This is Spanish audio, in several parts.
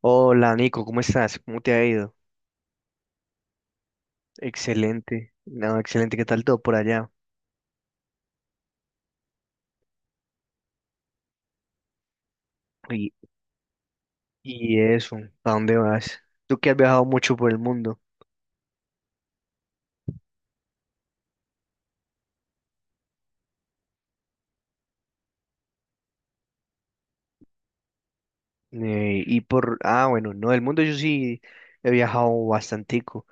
Hola Nico, ¿cómo estás? ¿Cómo te ha ido? Excelente, no, excelente, ¿qué tal todo por allá? Y, y eso, ¿a dónde vas? Tú que has viajado mucho por el mundo. Y por, ah, bueno, no, el mundo yo sí he viajado bastantico,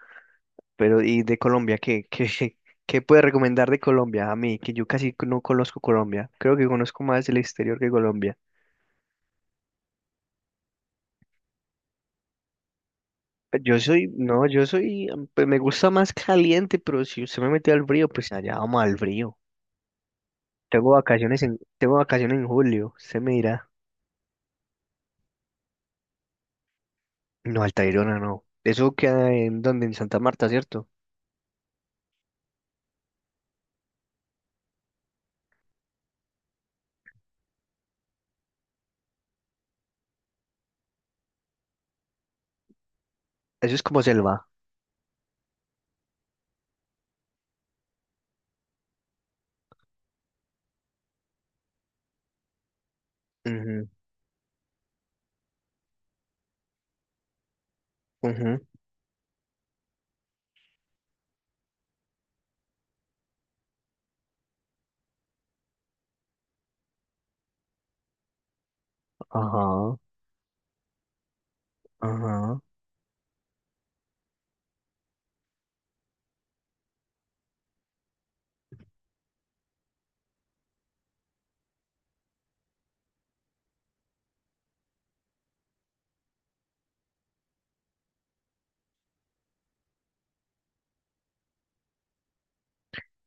pero ¿y de Colombia? ¿Qué puedes recomendar de Colombia a mí? Que yo casi no conozco Colombia, creo que conozco más el exterior que Colombia. Yo soy, no, yo soy, pues me gusta más caliente, pero si usted me mete al frío, pues allá vamos al frío. Tengo vacaciones en julio, se me dirá. No, Altairona no. Eso queda en donde, en Santa Marta, ¿cierto? Eso es como selva. Ujú, ujú, ajá, ajá.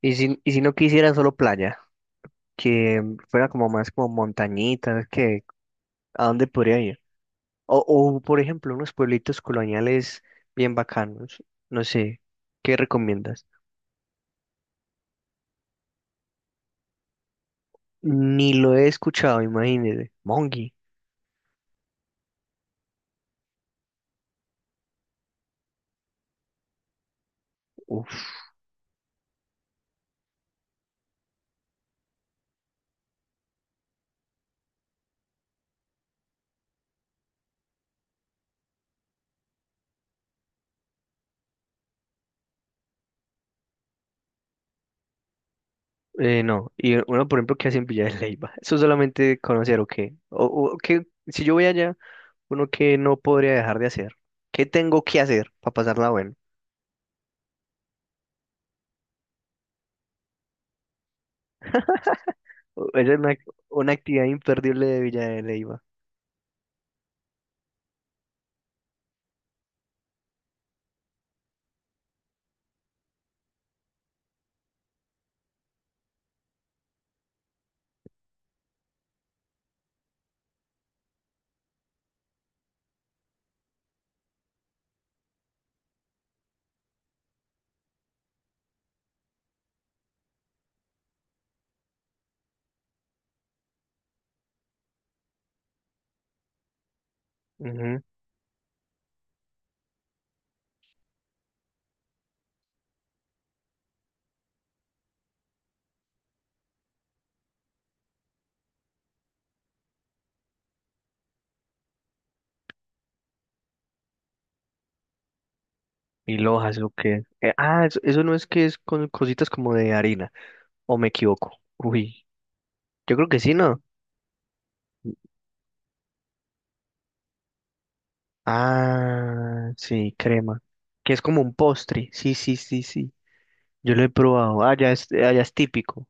Y si no quisiera solo playa, que fuera como más como montañitas, que ¿a dónde podría ir? O por ejemplo, unos pueblitos coloniales bien bacanos. No sé, ¿qué recomiendas? Ni lo he escuchado, imagínese. Mongi. Uf, no, y uno, por ejemplo, que hace en Villa de Leyva? ¿Eso solamente conocer o qué? O qué, si yo voy allá, uno que no podría dejar de hacer. ¿Qué tengo que hacer para pasarla bueno? O- Esa es una actividad imperdible de Villa de Leyva. Ujú. ¿Y Lojas, o qué? Eso, eso no es que es con cositas como de harina, o me equivoco. Uy, yo creo que sí, ¿no? Ah, sí, crema. Que es como un postre. Sí, sí, sí, sí. Yo lo he probado. Ah, ya es típico.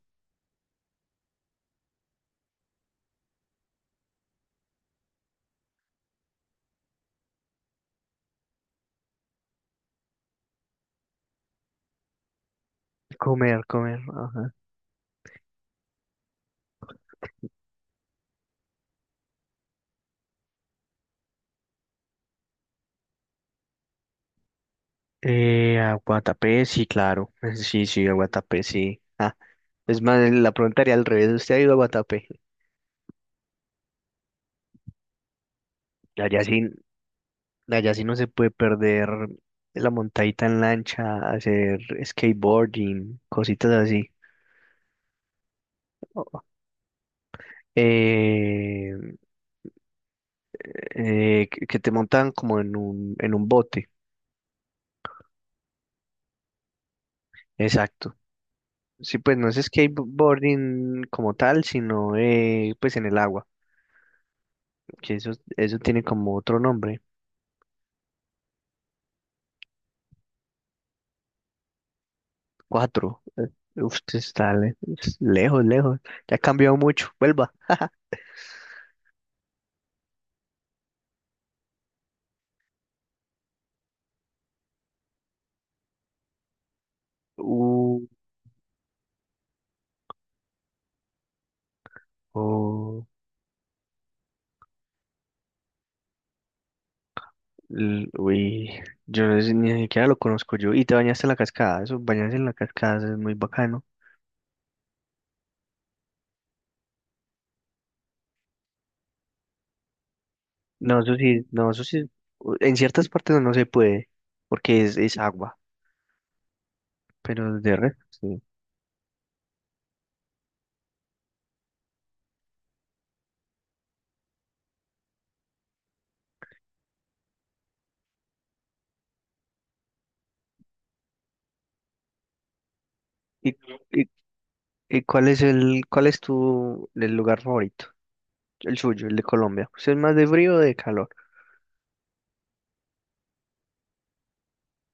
Comer, comer. Ajá. A Guatapé, sí, claro. Sí, sí, a Guatapé, sí. Ah, es más, la pregunta haría al revés. ¿Usted ha ido a Guatapé? Allá sí, allá sí no se puede perder la montadita en lancha, hacer skateboarding, cositas así. Eh, que te montan como en un bote. Exacto. Sí, pues no es skateboarding como tal, sino pues en el agua, que eso tiene como otro nombre. Cuatro. Usted está le- es lejos, lejos. Ya ha cambiado mucho. Vuelva. Uh, oh, l- uy, yo no sé- ni siquiera lo conozco yo. ¿Y te bañaste en la cascada? Eso, bañarse en la cascada eso es muy bacano. No, eso sí, no, eso sí. u- En ciertas partes no se puede, porque es agua. Pero de resto, sí. ¿Y, y, ¿y cuál es el, cuál es tu el lugar favorito? El suyo, el de Colombia. ¿Usted es más de frío o de calor?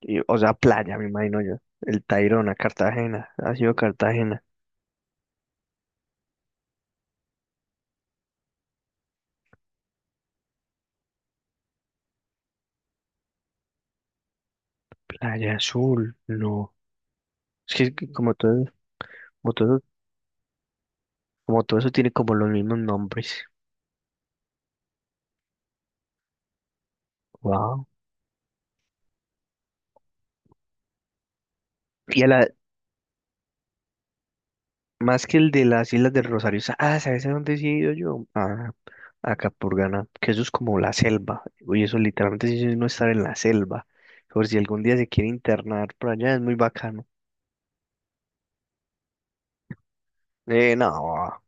Y, o sea, playa, me imagino yo. El Tayrona, Cartagena. Ha sido Cartagena. Playa Azul, no. Es que como todo, como todo, como todo eso tiene como los mismos nombres. Wow. Y a la, más que el de las Islas del Rosario. Sa- Ah, ¿sabes a dónde sí he ido yo? A Capurganá, que eso es como la selva. Oye, eso literalmente sí es no estar en la selva. Por si algún día se quiere internar por allá, es muy bacano. No.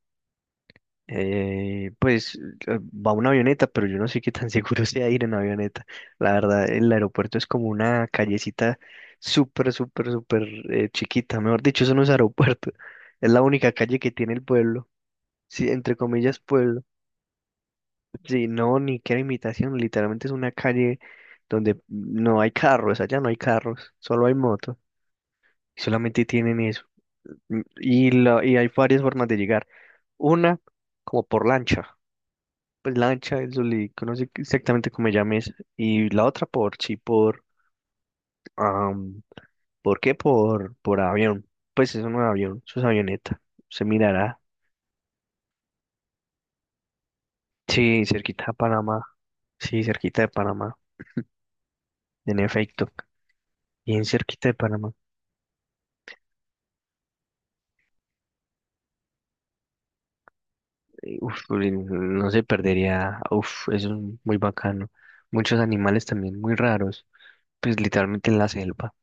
Eh, pues va una avioneta, pero yo no sé qué tan seguro sea ir en avioneta. La verdad, el aeropuerto es como una callecita súper, súper, súper chiquita. Mejor dicho, eso no es aeropuerto. Es la única calle que tiene el pueblo. Sí, entre comillas, pueblo. Sí, no, ni qué imitación. Literalmente es una calle donde no hay carros. Allá no hay carros, solo hay motos. Y solamente tienen eso. Y hay varias formas de llegar. Una, como por lancha. Pues lancha, el Zulico, no sé exactamente cómo me llames. Y la otra por, sí, por, am, ¿por qué? Por avión. Pues es un avión, eso es avioneta. Se mirará. Sí, cerquita de Panamá. Sí, cerquita de Panamá. En efecto, bien cerquita de Panamá. Uf, uy, no se perdería. Uf, eso es muy bacano. Muchos animales también muy raros. Pues literalmente en la selva.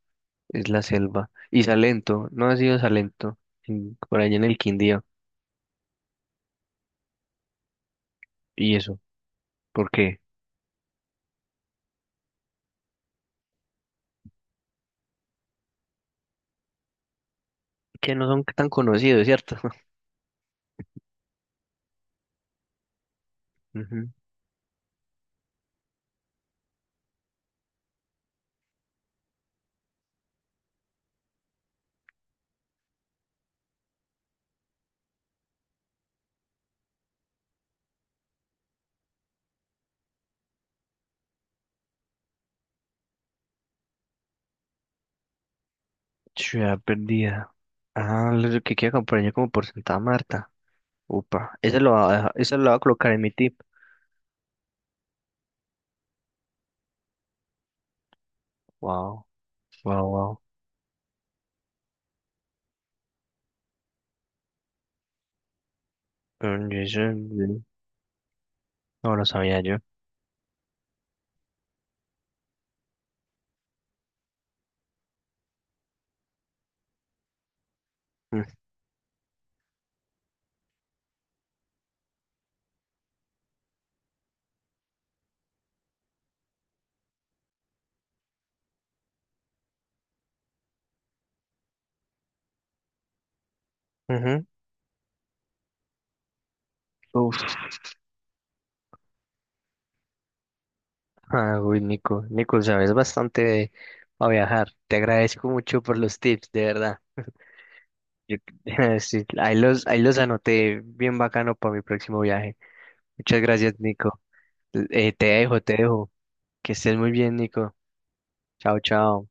Es la selva. Y Salento, no ha sido Salento. En- por allá en el Quindío. ¿Y eso? ¿Por qué? Que no son tan conocidos, ¿cierto? Ujú. Ciudad perdida. Ah, lo que quiero acompañar como por Santa Marta. Upa, ese lo va a dejar- ese lo voy a colocar en mi tip. Wow, wow, wow. Mm, y eso, mm, no lo sabía yo. Mm, ujú. Uf. Ah, uy, Nico, Nico, sabes bastante de- a viajar. Te agradezco mucho por los tips, de verdad. Yo- sí, ahí los anoté bien bacano para mi próximo viaje. Muchas gracias, Nico. Te dejo, te dejo. Que estés muy bien, Nico. Chao, chao.